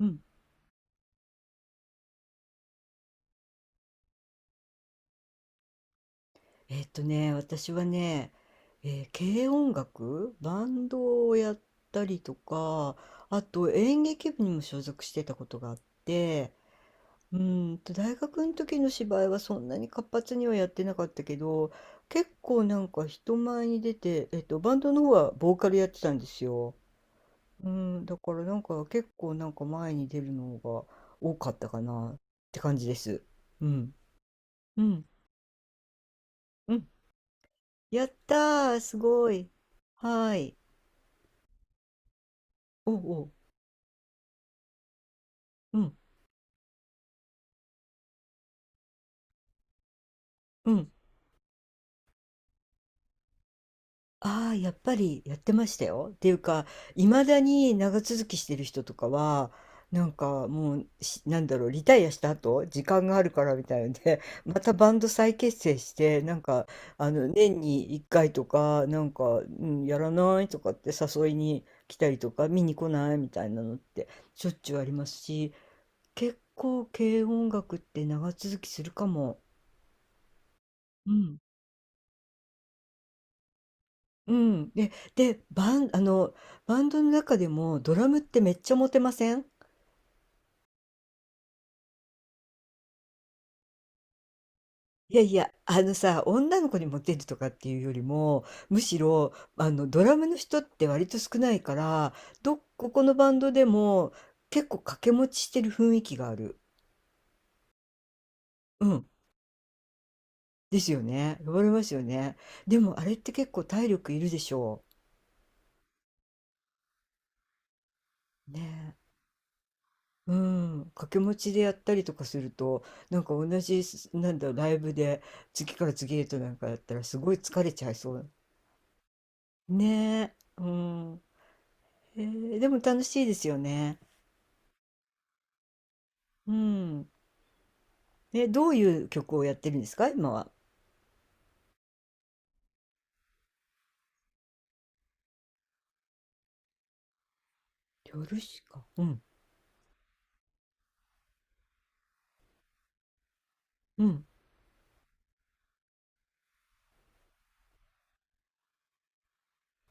うん。ね、私はね、軽音楽、バンドをやったりとか、あと演劇部にも所属してたことがあって、大学の時の芝居はそんなに活発にはやってなかったけど、結構なんか人前に出て、バンドの方はボーカルやってたんですよ。うん、だからなんか結構なんか前に出るのが多かったかなって感じです。うん。うん。うん、やったー、すごい。はい。おうおう、うん、うん。ああ、やっぱりやってましたよ。っていうか、いまだに長続きしてる人とかは、なんかもう、なんだろう、リタイアした後、時間があるからみたいので、またバンド再結成して、なんか、あの、年に1回とか、なんか、うん、やらないとかって誘いに来たりとか、見に来ないみたいなのって、しょっちゅうありますし、結構、軽音楽って長続きするかも。うん。うん。で、バンドの中でもドラムってめっちゃモテません？いやいや、あのさ、女の子にモテるとかっていうよりも、むしろ、あの、ドラムの人って割と少ないから、どここのバンドでも結構掛け持ちしてる雰囲気がある。うん。ですよね。呼ばれますよね。でもあれって結構体力いるでしょう。ねえ。うん、掛け持ちでやったりとかすると、なんか同じ、なんだろう、ライブで次から次へとなんかやったらすごい疲れちゃいそう。ねえ、うん。へえ、でも楽しいですよね。うん。え、どういう曲をやってるんですか、今は？ヨルシカ。うん、うん。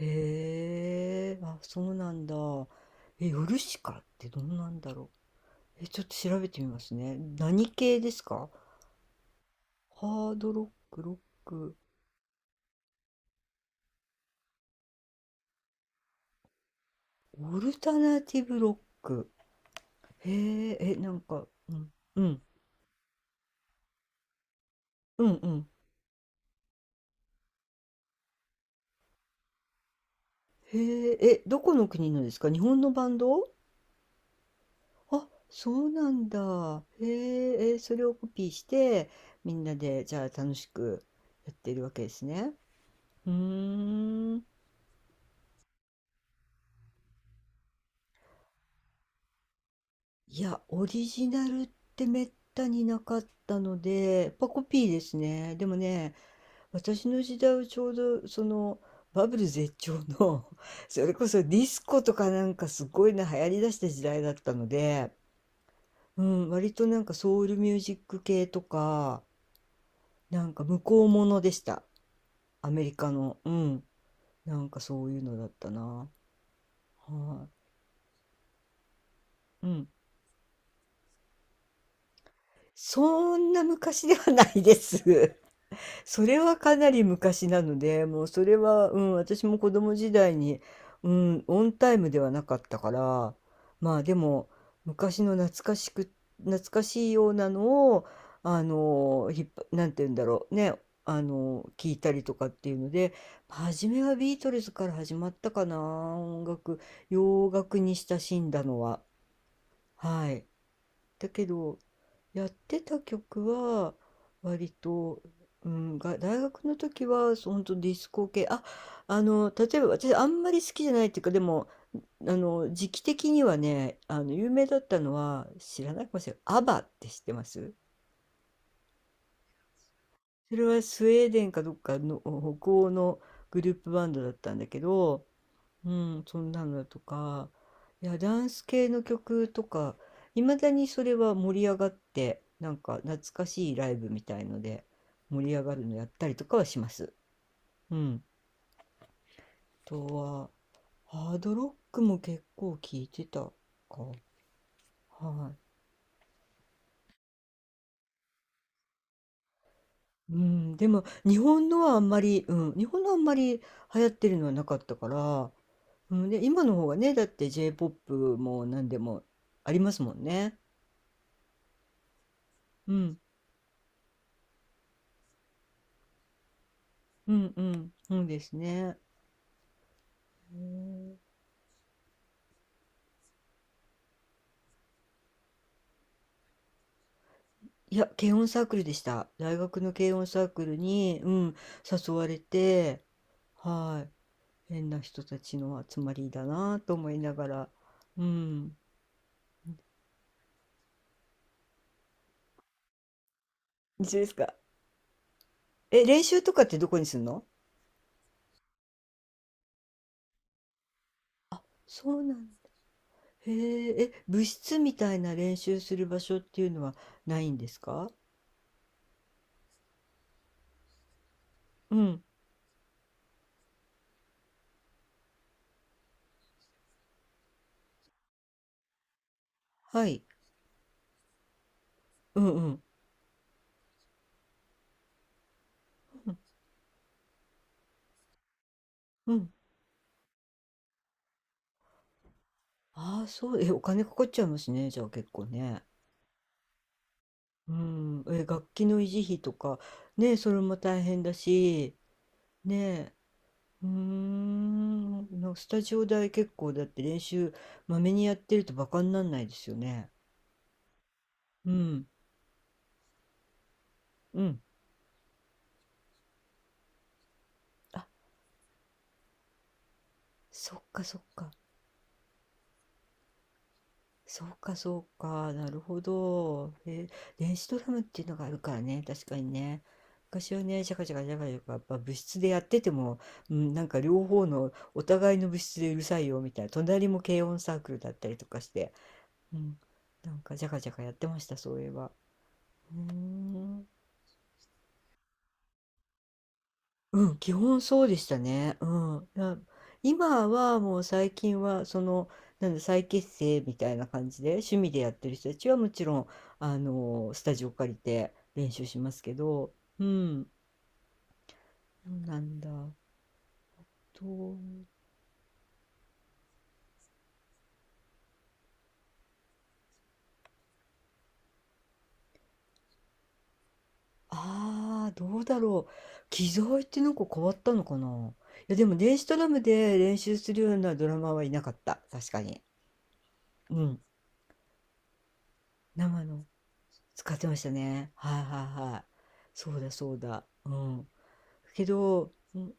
へえ、あ、そうなんだ。え、ヨルシカってどんなんだろう。え、ちょっと調べてみますね。何系ですか？ハードロック、ロック。オルタナティブロック。へえ、え、なんか、うん、うん、うん、うん。へえ、え、どこの国のですか？日本のバンド？あ、そうなんだ。へえ、え、それをコピーして、みんなで、じゃあ楽しくやってるわけですね。うーん。いや、オリジナルってめったになかったので、やっぱコピーですね。でもね、私の時代はちょうどそのバブル絶頂の それこそディスコとかなんかすごいな流行りだした時代だったので、うん、割となんかソウルミュージック系とかなんか向こうものでした。アメリカの。うん。なんかそういうのだったな。はい、うん。そんな昔ではないです。それはかなり昔なので、もうそれは、うん、私も子供時代に、うん、オンタイムではなかったから、まあでも、昔の懐かしく、懐かしいようなのを、あの、ひっぱ、なんて言うんだろう、ね、あの、聞いたりとかっていうので、初めはビートルズから始まったかな、音楽、洋楽に親しんだのは。はい。だけどやってた曲は割と、うん、大学の時はそ当ほディスコ系あ、あの、例えば私あんまり好きじゃないっていうか、でもあの時期的にはね、あの有名だったのは知らないかもしれない、アバって知ってます？それはスウェーデンかどっかの北欧のグループバンドだったんだけど、うん、そんなのとか、いや、ダンス系の曲とか、いまだにそれは盛り上がって、なんか懐かしいライブみたいので盛り上がるのやったりとかはします。うん。あとは、ハードロックも結構聞いてたか。はい。うん、でも日本のはあんまり、うん、日本のあんまり流行ってるのはなかったから、うん、で、今の方がね、だって J-POP も何でもありますもんね。うん、うん、うん、そうですね。うん。いや、軽音サークルでした。大学の軽音サークルに、うん、誘われて、はい、変な人たちの集まりだなと思いながら、うん。一緒ですか。え、練習とかってどこにするの？そうなんだ。へえ、え、部室みたいな練習する場所っていうのはないんですか？うん。はい。うんうん。うん。ああ、そう。え、お金かかっちゃいますね。じゃあ結構ね。うん。え、楽器の維持費とか、ね、それも大変だし、ねえ、うーん、なんかスタジオ代結構だって練習まめにやってるとバカになんないですよね。うん、うん。あ、そっかそっか。そうかそうか。なるほど。え、電子ドラムっていうのがあるからね。確かにね。昔はね、ジャカジャカジャカジャカ、やっぱ部室でやってても、うん、なんか両方のお互いの部室でうるさいよみたいな、隣も軽音サークルだったりとかして、うん、なんかジャカジャカやってました、そういえば。うーん。うん、基本そうでしたね。うん。な、今はもう最近はその、なんだ、再結成みたいな感じで趣味でやってる人たちはもちろん、あの、スタジオ借りて練習しますけど、うん。そうなんだ。どう、ああ、どうだろう。機材ってなんか変わったのかな。いや、でも電子ドラムで練習するようなドラマーはいなかった。確かに。うん。生の使ってましたね。はいはいはい。そうだそうだ。うん。けど、うん、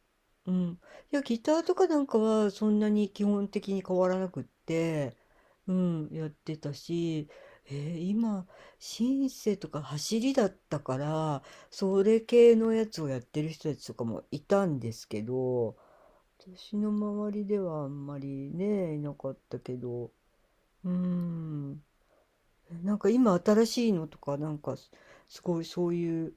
うん。いや、ギターとかなんかはそんなに基本的に変わらなくって、うん、やってたし、今、シンセとか走りだったから、それ系のやつをやってる人たちとかもいたんですけど、私の周りではあんまりね、いなかったけど、うん、なんか今新しいのとか、なんかすごいそういう、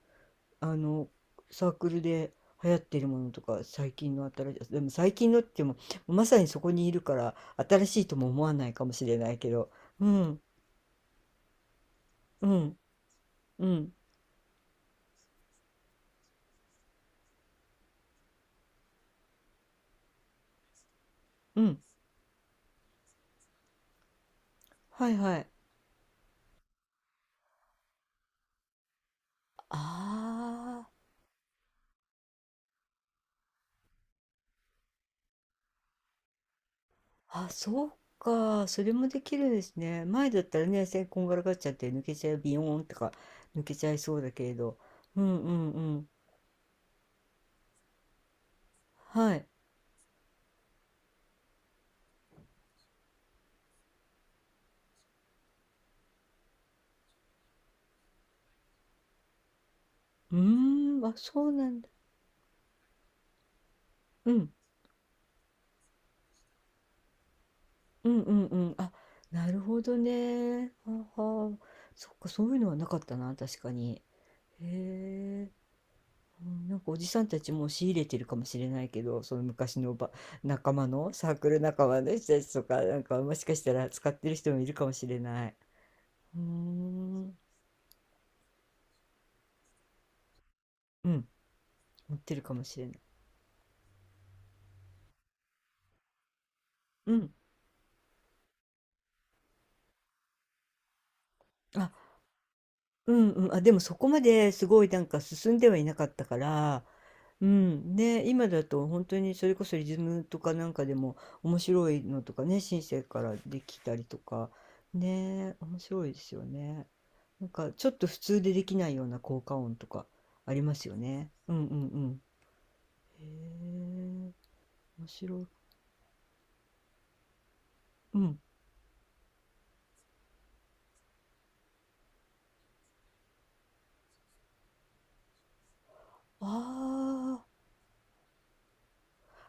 あのサークルで流行ってるものとか最近の新しい、でも最近のって言ってもまさにそこにいるから新しいとも思わないかもしれないけど、うん、うん、うん、うん、はい、はい、あー、あ、そうかそれもできるんですね、前だったらね線こんがらがっちゃって抜けちゃうビヨーンとか抜けちゃいそうだけれど、うん、うん、うん、はい。うーん、あ、そうなんだ。うん。うんうんうん。あ、なるほどね。はあはあ。そっか、そういうのはなかったな、確かに。へえ。うん、なんかおじさんたちもう仕入れてるかもしれないけど、その昔の仲間の、サークル仲間の人たちとか、なんかもしかしたら使ってる人もいるかもしれない。うーん。うん、持ってるかもしれない。うん。あ、うんうん。あ、でもそこまですごいなんか進んではいなかったから、うん、ね、今だと本当にそれこそリズムとかなんかでも面白いのとかね、シンセからできたりとか、ね、面白いですよね。なんかちょっと普通でできないような効果音とかありますよね。うんうんうん。へえ、面白い。うん。あ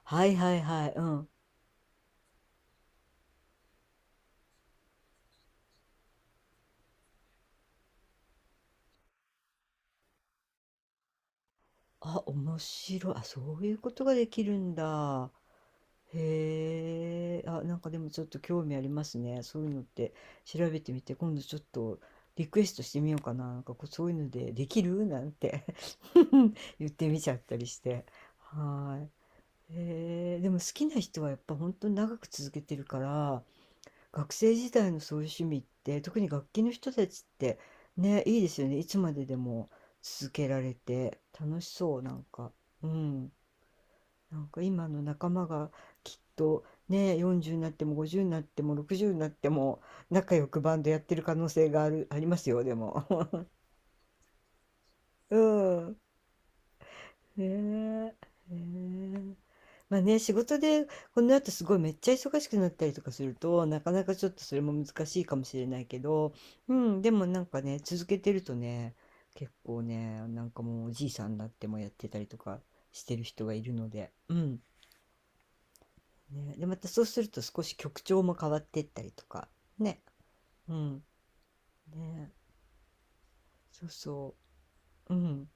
あ、はいはいはい。うん。あ、面白い。あ、そういうことができるんだ。へえ、あ、なんかでもちょっと興味ありますね。そういうのって調べてみて、今度ちょっとリクエストしてみようかな。なんかこうそういうのでできるなんて 言ってみちゃったりして。はい。へえ、でも好きな人はやっぱ本当に長く続けてるから、学生時代のそういう趣味って、特に楽器の人たちってね、いいですよね。いつまででも続けられて楽しそう、なんか。うん。なんか今の仲間がきっとね、40になっても50になっても60になっても仲良くバンドやってる可能性がある、ありますよ、でも。うん。ねえ。ねえ。まあね、仕事でこの後すごいめっちゃ忙しくなったりとかすると、なかなかちょっとそれも難しいかもしれないけど、うん、でもなんかね、続けてるとね、結構ね、なんかもうおじいさんになってもやってたりとかしてる人がいるので、うん。ね、で、またそうすると少し曲調も変わっていったりとか。ね。うん。ね。そうそう。うん。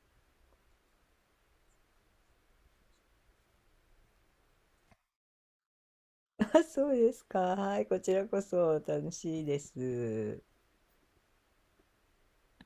あ、そうですか。はい。こちらこそ楽しいです。